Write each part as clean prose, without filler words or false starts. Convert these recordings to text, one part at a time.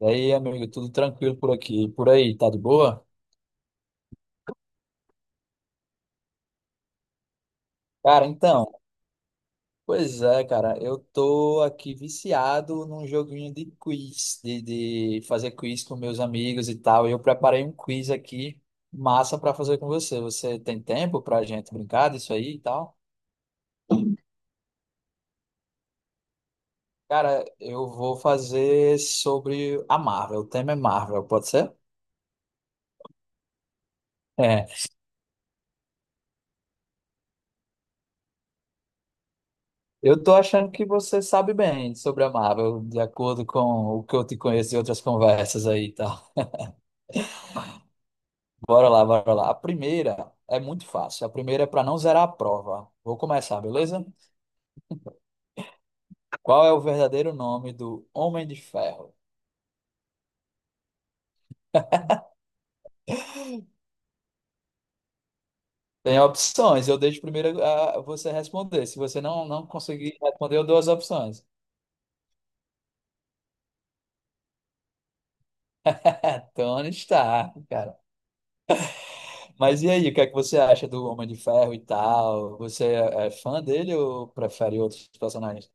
E aí, amigo, tudo tranquilo por aqui? E por aí, tá de boa? Cara, então, pois é, cara, eu tô aqui viciado num joguinho de quiz, de fazer quiz com meus amigos e tal. E eu preparei um quiz aqui, massa pra fazer com você. Você tem tempo pra gente brincar disso aí e tal? Cara, eu vou fazer sobre a Marvel. O tema é Marvel, pode ser? É, eu tô achando que você sabe bem sobre a Marvel, de acordo com o que eu te conheço de outras conversas aí, tá? Bora lá, bora lá. A primeira é muito fácil. A primeira é para não zerar a prova. Vou começar, beleza? Qual é o verdadeiro nome do Homem de Ferro? Tem opções. Eu deixo primeiro você responder. Se você não conseguir responder, eu dou as opções. Tony Stark, cara. Mas e aí, o que é que você acha do Homem de Ferro e tal? Você é fã dele ou prefere outros personagens?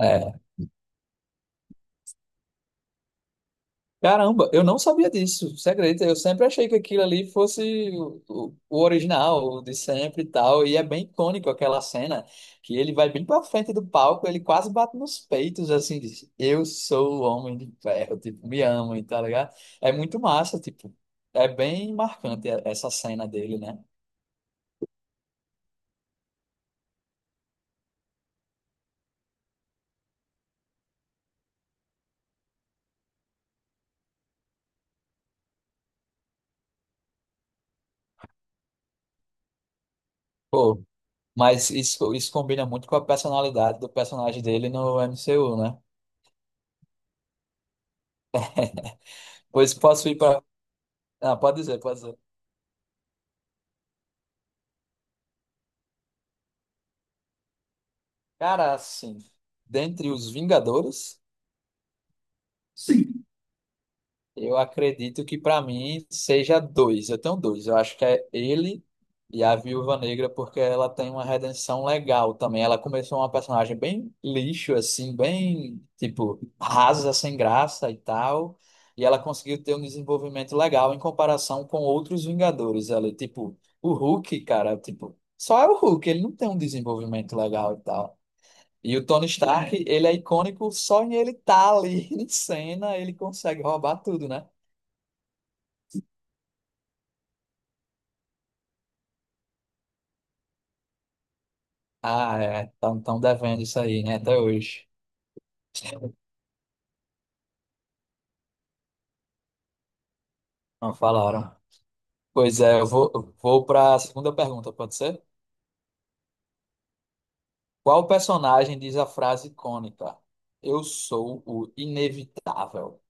É. Caramba, eu não sabia disso, você acredita? Eu sempre achei que aquilo ali fosse o original, o de sempre e tal, e é bem icônico aquela cena que ele vai bem pra frente do palco, ele quase bate nos peitos, assim, diz, eu sou o Homem de Ferro, tipo, me amem, tá ligado? É muito massa, tipo, é bem marcante e- essa cena dele, né? Pô, mas isso combina muito com a personalidade do personagem dele no MCU, né? Pois posso ir pra... Ah, pode dizer, pode dizer. Cara, assim, dentre os Vingadores, sim, eu acredito que pra mim seja dois. Eu tenho dois. Eu acho que é ele e a Viúva Negra, porque ela tem uma redenção legal também. Ela começou uma personagem bem lixo, assim, bem, tipo, rasa, sem graça e tal. E ela conseguiu ter um desenvolvimento legal em comparação com outros Vingadores ali. Tipo, o Hulk, cara, tipo, só é o Hulk, ele não tem um desenvolvimento legal e tal. E o Tony Stark, ele é icônico só em ele estar ali em cena, ele consegue roubar tudo, né? Ah, é, estão devendo isso aí, né? Até hoje. Não falaram. Pois é, vou para a segunda pergunta, pode ser? Qual personagem diz a frase icônica? Eu sou o inevitável.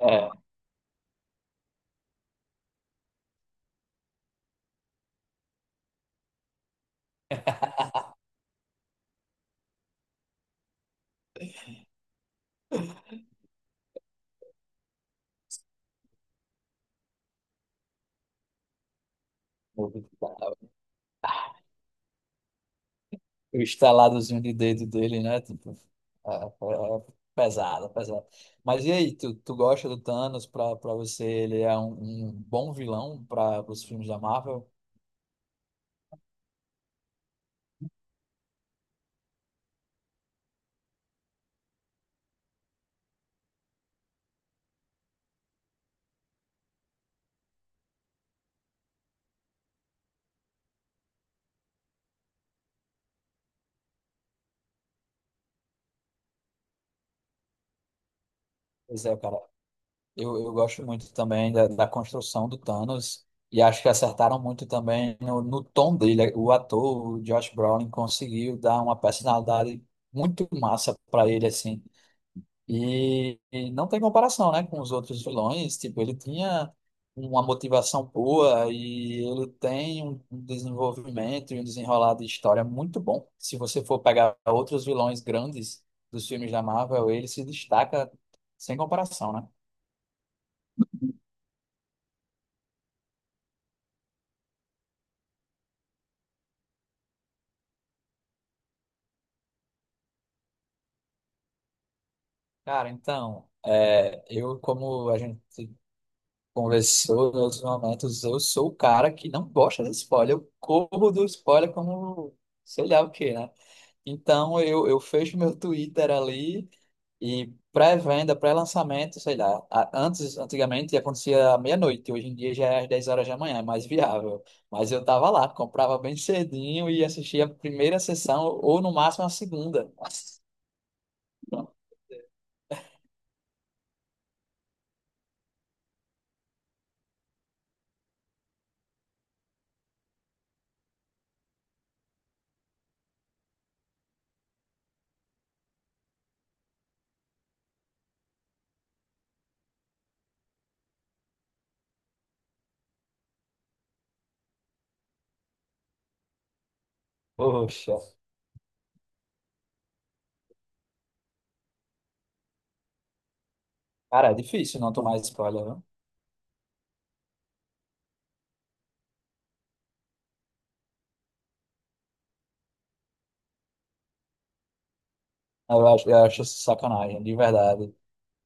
É, inevitável. O estaladozinho de dedo dele, né? Tipo, é, é é pesado, pesado. Mas e aí, tu gosta do Thanos? Pra você, ele é um bom vilão para os filmes da Marvel? Pois é, cara. Eu gosto muito também da construção do Thanos. E acho que acertaram muito também no tom dele. O ator, o Josh Brolin, conseguiu dar uma personalidade muito massa para ele, assim. E não tem comparação, né, com os outros vilões. Tipo, ele tinha uma motivação boa e ele tem um desenvolvimento e um desenrolar de história muito bom. Se você for pegar outros vilões grandes dos filmes da Marvel, ele se destaca sem comparação, né? Cara, então, é, eu, como a gente conversou em outros momentos, eu sou o cara que não gosta de spoiler. Eu corro do spoiler como sei lá o quê, né? Então eu fecho meu Twitter ali e pré-venda, pré-lançamento, sei lá. Antigamente acontecia à meia-noite, hoje em dia já é às 10 horas da manhã, é mais viável. Mas eu tava lá, comprava bem cedinho e assistia a primeira sessão ou no máximo a segunda. Poxa, cara, é difícil não tomar spoiler, viu? Eu acho sacanagem, de verdade.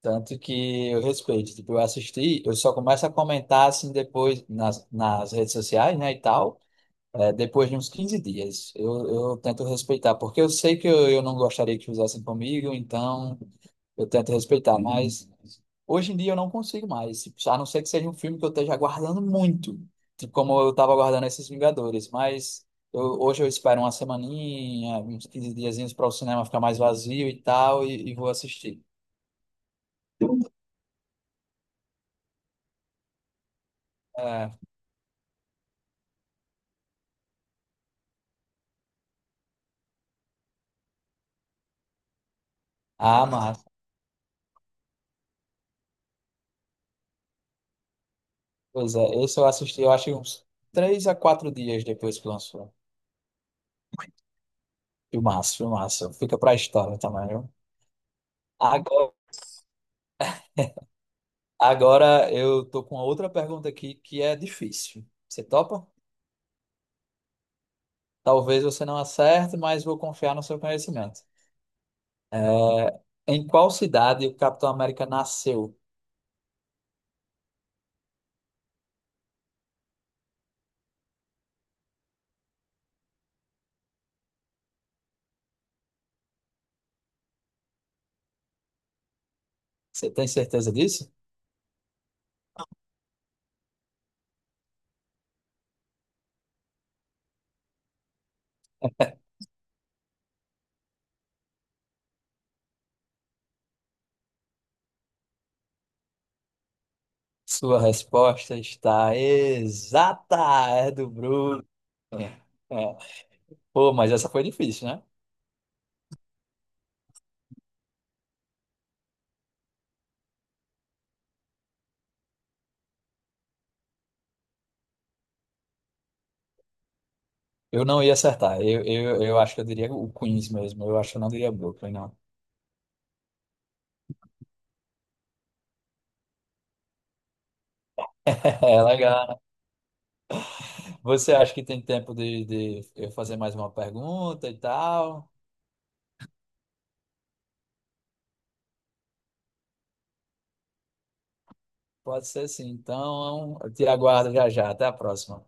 Tanto que eu respeito, tipo, eu assisti, eu só começo a comentar assim depois nas redes sociais, né, e tal. É, depois de uns 15 dias, eu tento respeitar, porque eu sei que eu não gostaria que usassem comigo, então eu tento respeitar, mas hoje em dia eu não consigo mais, a não ser que seja um filme que eu esteja aguardando muito, tipo como eu estava aguardando esses Vingadores, mas eu- hoje eu espero uma semaninha, uns 15 diazinhos para o cinema ficar mais vazio e tal, e vou assistir. É. Ah, mas, pois é, esse eu assisti, eu acho que uns 3 a 4 dias depois que lançou. Filmaço, filmaço. Fica pra história também, viu? Agora, agora eu tô com uma outra pergunta aqui que é difícil. Você topa? Talvez você não acerte, mas vou confiar no seu conhecimento. É, em qual cidade o Capitão América nasceu? Você tem certeza disso? Sua resposta está exata, é do Bruno. É. É. Pô, mas essa foi difícil, né? Eu não ia acertar. Eu acho que eu diria o Queens mesmo. Eu acho que eu não diria Brooklyn, não. É legal. Você acha que tem tempo de eu fazer mais uma pergunta e tal? Pode ser sim. Então, eu te aguardo já já. Até a próxima.